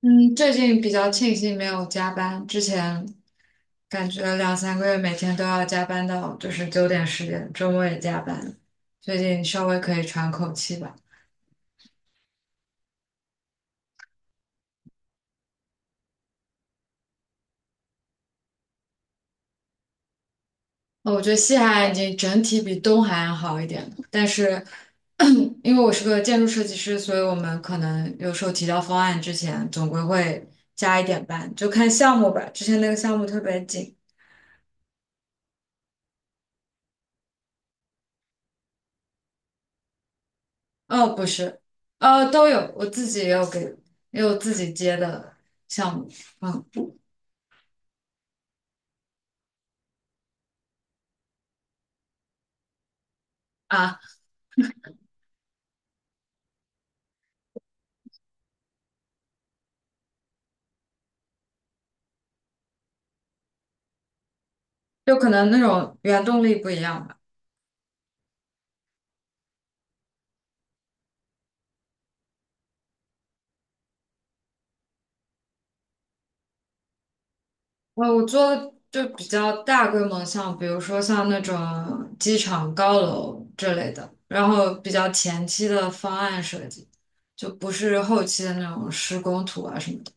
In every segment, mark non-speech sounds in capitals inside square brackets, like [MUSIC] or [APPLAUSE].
嗯，最近比较庆幸没有加班，之前感觉两三个月每天都要加班到就是9点10点，周末也加班，最近稍微可以喘口气吧。我觉得西海岸已经整体比东海岸好一点了，但是 [CLEARS THROAT] 因为我是个建筑设计师，所以我们可能有时候提交方案之前，总归会加一点班，就看项目吧。之前那个项目特别紧。哦，不是，都有，我自己也有给，也有自己接的项目。嗯。啊，就可能那种原动力不一样吧。我做就比较大规模，像比如说像那种机场高楼这类的，然后比较前期的方案设计，就不是后期的那种施工图啊什么的。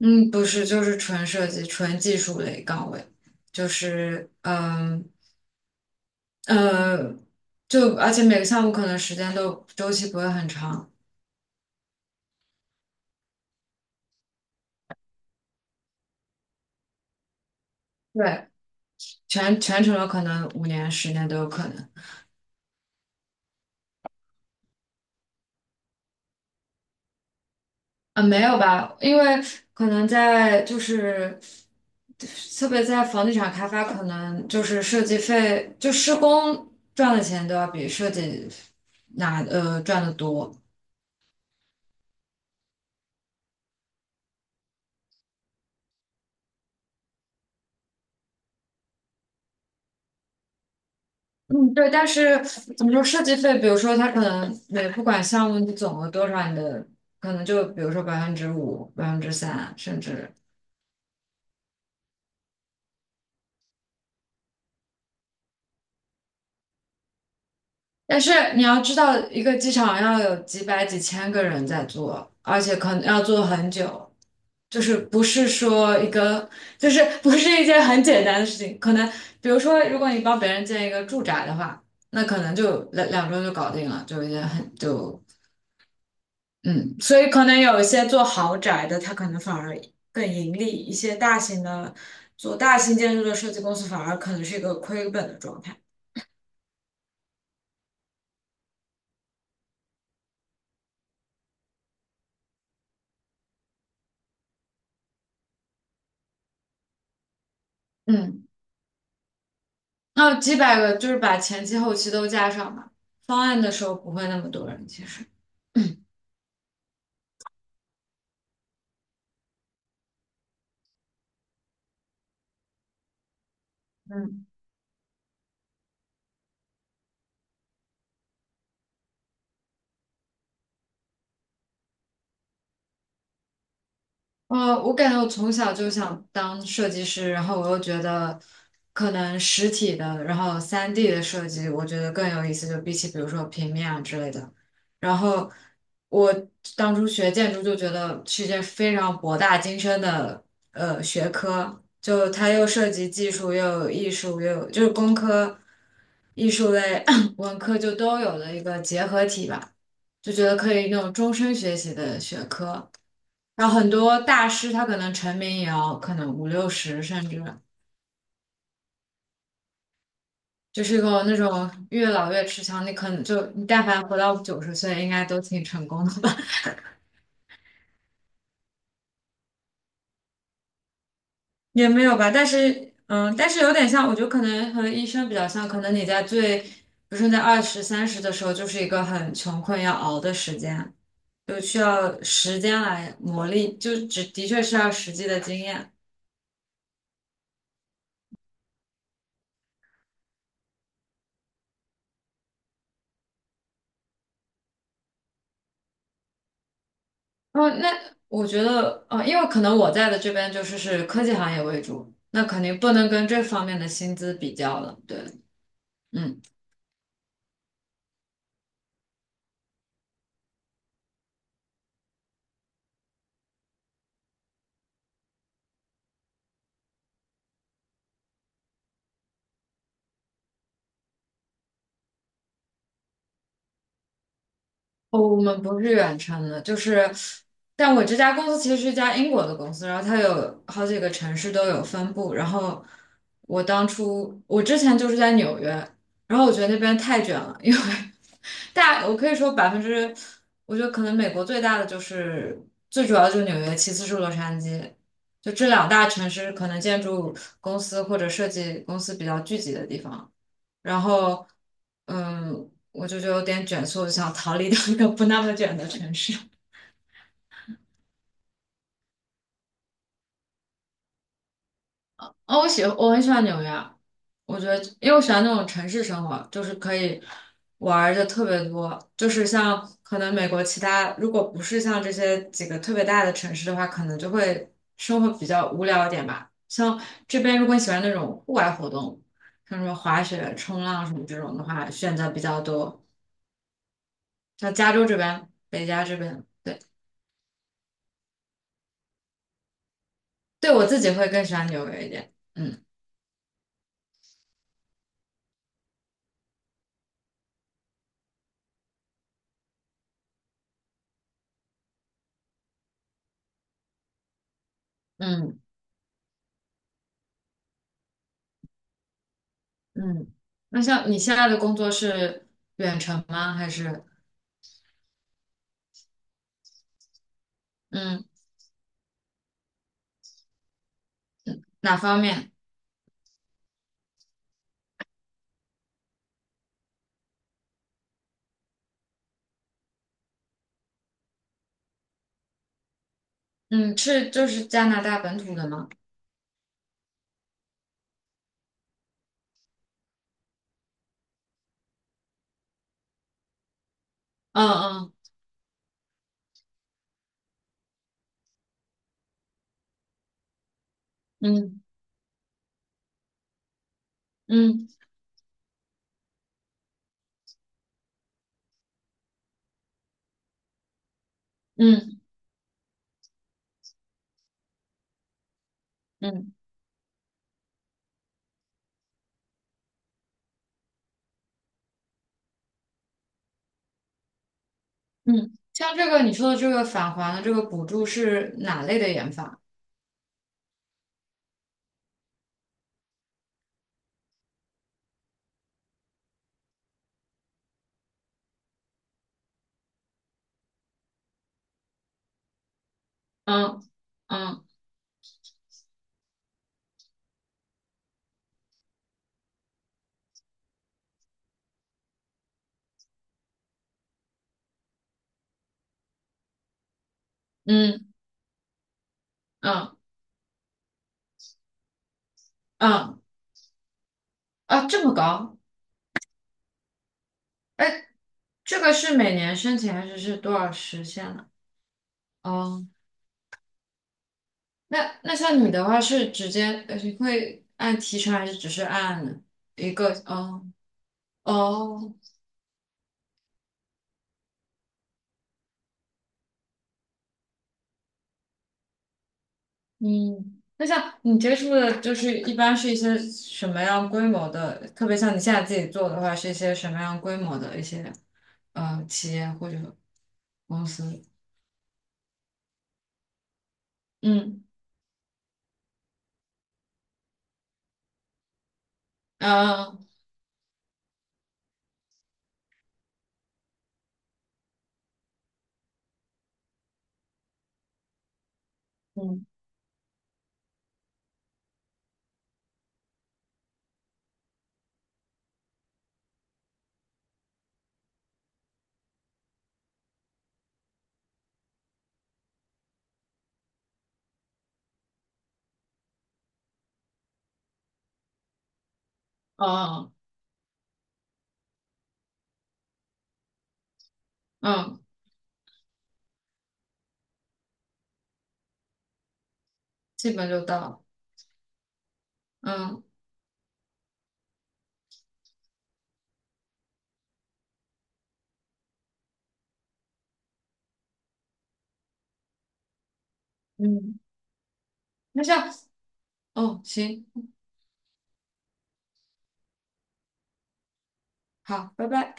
嗯，不是，就是纯设计、纯技术类岗位，就是呃，就而且每个项目可能时间都周期不会很长。对，全程有可能5年、10年都有可能。啊，没有吧？因为可能在就是，特别在房地产开发，可能就是设计费，就施工赚的钱都要比设计拿赚的多。嗯，对，但是怎么说设计费？比如说，它可能每不管项目你总额多少，你的可能就比如说5%、3%，甚至但是你要知道，一个机场要有几百几千个人在做，而且可能要做很久，就是不是说一个，就是不是一件很简单的事情。可能比如说，如果你帮别人建一个住宅的话，那可能就两周就搞定了，就一件很就嗯，所以可能有一些做豪宅的，他可能反而更盈利；一些大型的做大型建筑的设计公司，反而可能是一个亏本的状态。嗯。那几百个，就是把前期后期都加上吧。方案的时候不会那么多人，其实。嗯。我感觉我从小就想当设计师，然后我又觉得可能实体的，然后3D 的设计，我觉得更有意思，就比起比如说平面啊之类的。然后我当初学建筑就觉得是一件非常博大精深的学科，就它又涉及技术，又有艺术，又有就是工科、艺术类、[COUGHS] [CLEARS THROAT] 文科就都有的一个结合体吧，就觉得可以那种终身学习的学科。然后很多大师他可能成名也要可能五六十，甚至就是一个那种越老越吃香。你可能就你但凡活到90岁，应该都挺成功的吧？[LAUGHS] 也没有吧，但是，但是有点像，我觉得可能和医生比较像，可能你在最，比如说你在二十三十的时候，就是一个很穷困要熬的时间，就需要时间来磨砺，就只的确是要实际的经验。哦，那我觉得，哦，因为可能我在的这边就是是科技行业为主，那肯定不能跟这方面的薪资比较了。对，嗯。哦，我们不是远程的，就是，但我这家公司其实是一家英国的公司，然后它有好几个城市都有分部。然后我当初，我之前就是在纽约，然后我觉得那边太卷了，因为 [LAUGHS] 大，我可以说百分之，我觉得可能美国最大的就是最主要的就是纽约，其次是洛杉矶，就这两大城市可能建筑公司或者设计公司比较聚集的地方。然后，我就有点卷，所以我就想逃离到一个不那么卷的城市。哦，我很喜欢纽约啊，我觉得因为我喜欢那种城市生活，就是可以玩儿的特别多。就是像可能美国其他，如果不是像这些几个特别大的城市的话，可能就会生活比较无聊一点吧。像这边，如果你喜欢那种户外活动，像什么滑雪、冲浪什么这种的话，选择比较多。像加州这边，北加这边。对。对我自己会更喜欢纽约一点。嗯嗯嗯，那像你现在的工作是远程吗？还是嗯哪方面？嗯，是就是加拿大本土的吗？嗯嗯嗯嗯嗯嗯嗯，像这个你说的这个返还的这个补助是哪类的研发？嗯嗯嗯嗯嗯啊，这么高？哎，这个是每年申请还是多少时限呢？哦。那像你的话是直接，你会按提成还是只是按一个？哦哦，嗯，那像你接触的，就是一般是一些什么样规模的？特别像你现在自己做的话，是一些什么样规模的一些企业或者公司？嗯嗯嗯哦嗯，基本就到了嗯嗯，那像哦行，好，拜拜。